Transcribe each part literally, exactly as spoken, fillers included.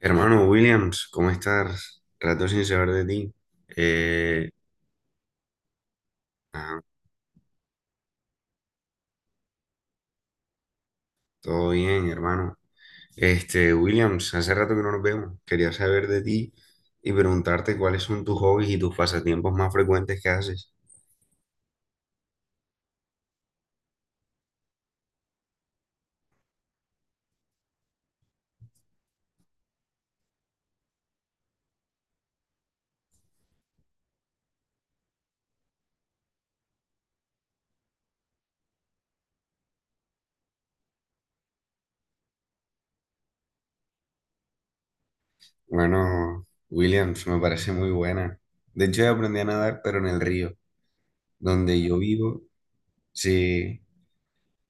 Hermano Williams, ¿cómo estás? Rato sin saber de ti. Eh, ah, todo bien, hermano. Este, Williams, hace rato que no nos vemos. Quería saber de ti y preguntarte cuáles son tus hobbies y tus pasatiempos más frecuentes que haces. Bueno, Williams, me parece muy buena. De hecho, yo aprendí a nadar, pero en el río, donde yo vivo, sí,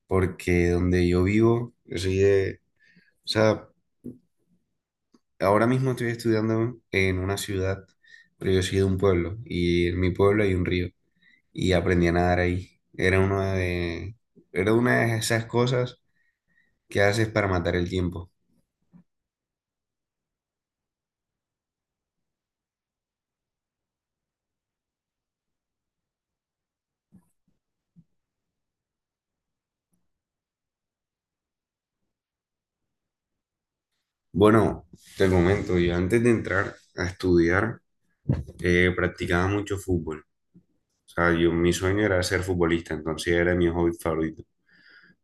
porque donde yo vivo, yo soy de, o sea, ahora mismo estoy estudiando en una ciudad, pero yo soy de un pueblo y en mi pueblo hay un río y aprendí a nadar ahí. Era una de, era una de esas cosas que haces para matar el tiempo. Bueno, te comento, yo antes de entrar a estudiar eh, practicaba mucho fútbol. O sea, yo, mi sueño era ser futbolista, entonces era mi hobby favorito.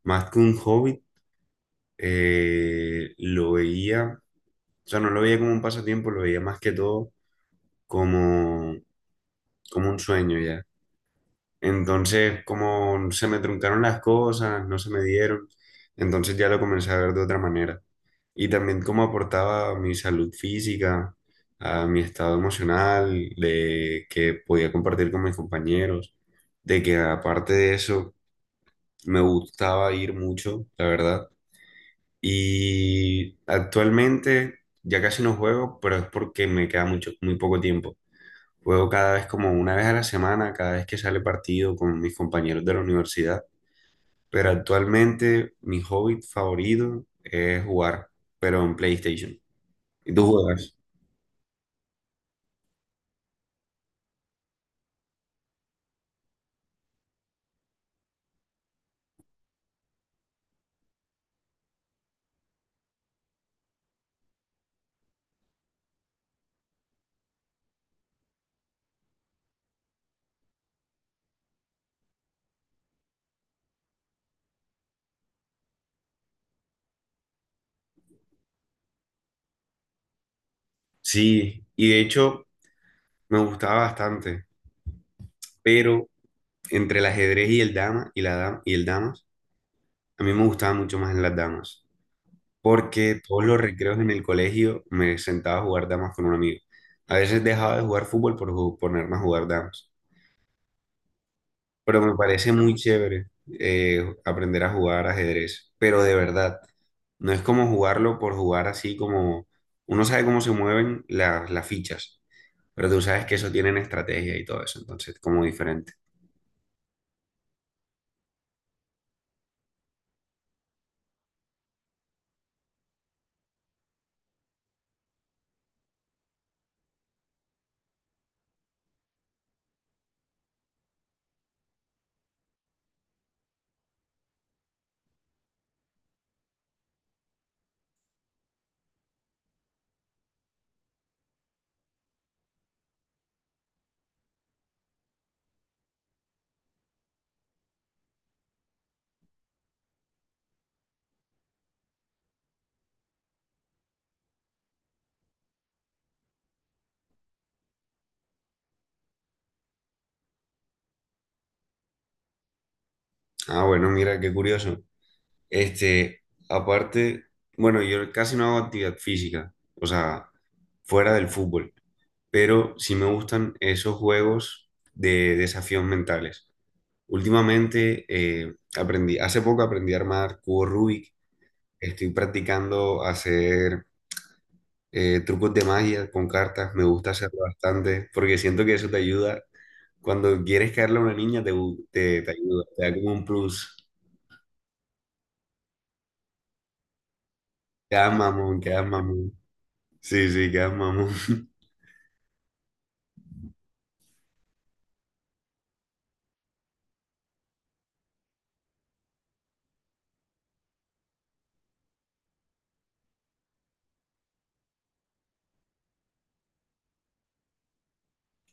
Más que un hobby, eh, lo veía, o sea, no lo veía como un pasatiempo, lo veía más que todo como como un sueño ya. Entonces, como se me truncaron las cosas, no se me dieron, entonces ya lo comencé a ver de otra manera. Y también cómo aportaba a mi salud física, a mi estado emocional, de que podía compartir con mis compañeros, de que aparte de eso me gustaba ir mucho, la verdad. Y actualmente ya casi no juego, pero es porque me queda mucho, muy poco tiempo. Juego cada vez como una vez a la semana, cada vez que sale partido con mis compañeros de la universidad. Pero actualmente mi hobby favorito es jugar, pero en PlayStation. ¿Y tú juegas? Sí, y de hecho me gustaba bastante, pero entre el ajedrez y el dama y la dam- y el damas, a mí me gustaba mucho más en las damas, porque todos los recreos en el colegio me sentaba a jugar damas con un amigo. A veces dejaba de jugar fútbol por ju- ponerme a jugar damas. Pero me parece muy chévere eh, aprender a jugar ajedrez, pero de verdad, no es como jugarlo por jugar así como uno sabe cómo se mueven las, las fichas, pero tú sabes que eso tienen estrategia y todo eso, entonces como diferente. Ah, bueno, mira, qué curioso. Este, aparte, bueno, yo casi no hago actividad física, o sea, fuera del fútbol, pero sí me gustan esos juegos de desafíos mentales. Últimamente eh, aprendí, hace poco aprendí a armar cubo Rubik. Estoy practicando hacer eh, trucos de magia con cartas. Me gusta hacerlo bastante porque siento que eso te ayuda. Cuando quieres caerle a una niña, te, bu- te, te ayuda. Te da como un plus. Quedas mamón, quedas mamón. Sí, sí, quedas mamón.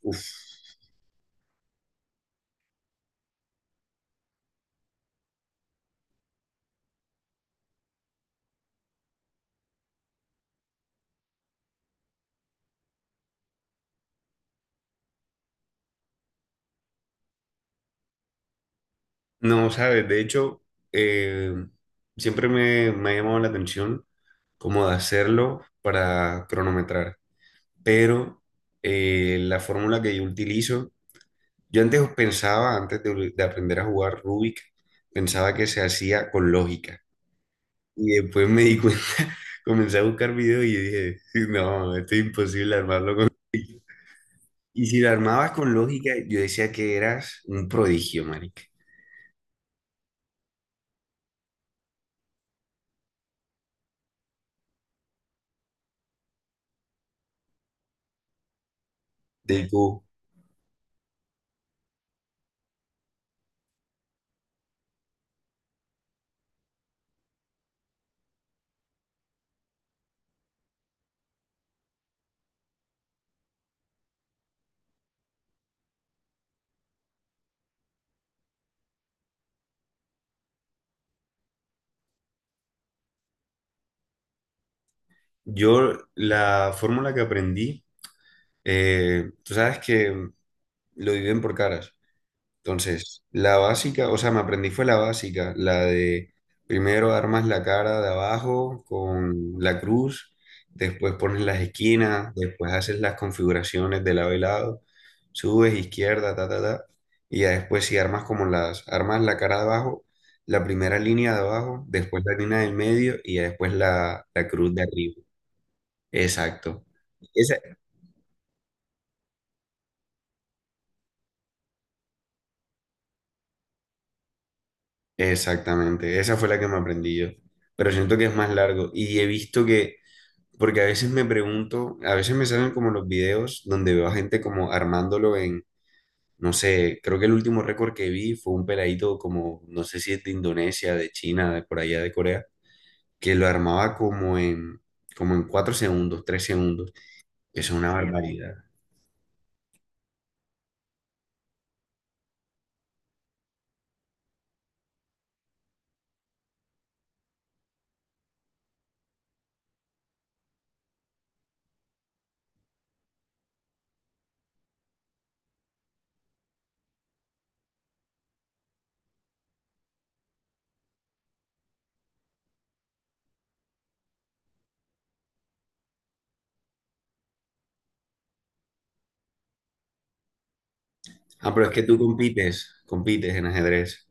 Uf. No, sabes, de hecho, eh, siempre me, me ha llamado la atención como de hacerlo para cronometrar. Pero eh, la fórmula que yo utilizo, yo antes pensaba, antes de, de aprender a jugar Rubik, pensaba que se hacía con lógica. Y después me di cuenta, comencé a buscar videos y dije, "Sí, no, esto es imposible armarlo con lógica. Y si lo armabas con lógica, yo decía que eras un prodigio, marica. Tipo, yo la fórmula que aprendí, eh, tú sabes que lo dividen por caras. Entonces, la básica, o sea, me aprendí fue la básica, la de primero armas la cara de abajo con la cruz, después pones las esquinas, después haces las configuraciones de lado y lado, subes izquierda, ta, ta, ta, y ya después si armas como las, armas la cara de abajo, la primera línea de abajo, después la línea del medio y ya después la, la cruz de arriba. Exacto. Esa, exactamente, esa fue la que me aprendí yo, pero siento que es más largo y he visto que porque a veces me pregunto, a veces me salen como los videos donde veo a gente como armándolo en, no sé, creo que el último récord que vi fue un peladito como, no sé si es de Indonesia, de China, de por allá de Corea, que lo armaba como en, como en cuatro segundos, tres segundos. Eso es una barbaridad. Ah, pero es que tú compites, compites en ajedrez.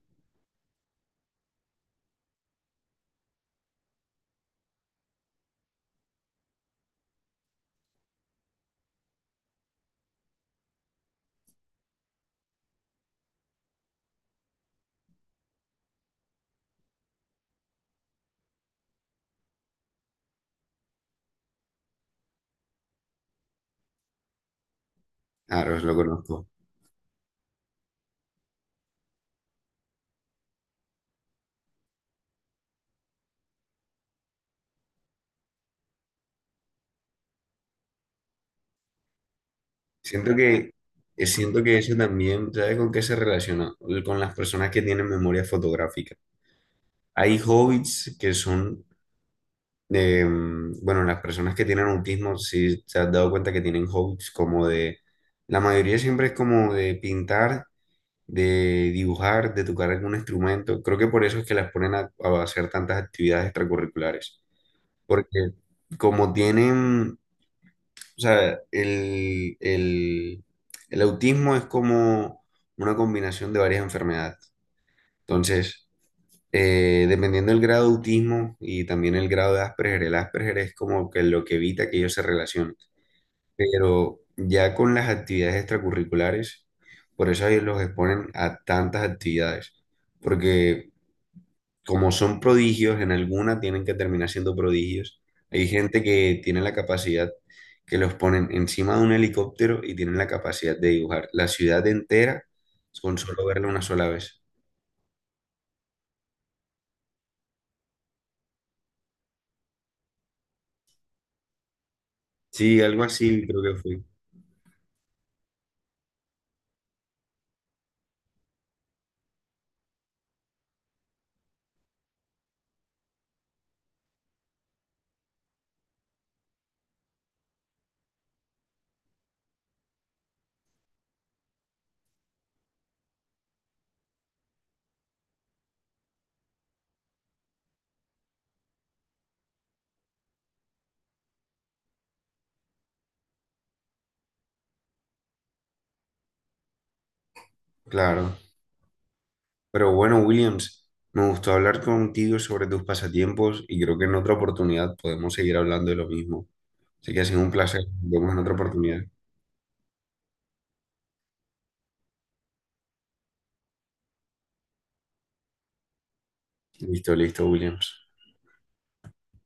Claro, lo conozco. Siento que, eh, siento que eso también, ¿sabes con qué se relaciona? Con las personas que tienen memoria fotográfica. Hay hobbits que son Eh, bueno, las personas que tienen autismo, si se han dado cuenta que tienen hobbies como de, la mayoría siempre es como de pintar, de dibujar, de tocar algún instrumento. Creo que por eso es que las ponen a, a hacer tantas actividades extracurriculares, porque como tienen, o sea, el, el, el autismo es como una combinación de varias enfermedades. Entonces, eh, dependiendo del grado de autismo y también el grado de Asperger, el Asperger es como que lo que evita que ellos se relacionen. Pero ya con las actividades extracurriculares, por eso ellos los exponen a tantas actividades, porque como son prodigios, en alguna tienen que terminar siendo prodigios. Hay gente que tiene la capacidad que los ponen encima de un helicóptero y tienen la capacidad de dibujar la ciudad entera con solo verla una sola vez. Sí, algo así creo que fue. Claro. Pero bueno, Williams, me gustó hablar contigo sobre tus pasatiempos y creo que en otra oportunidad podemos seguir hablando de lo mismo. Así que ha sido un placer. Nos vemos en otra oportunidad. Listo, listo, Williams.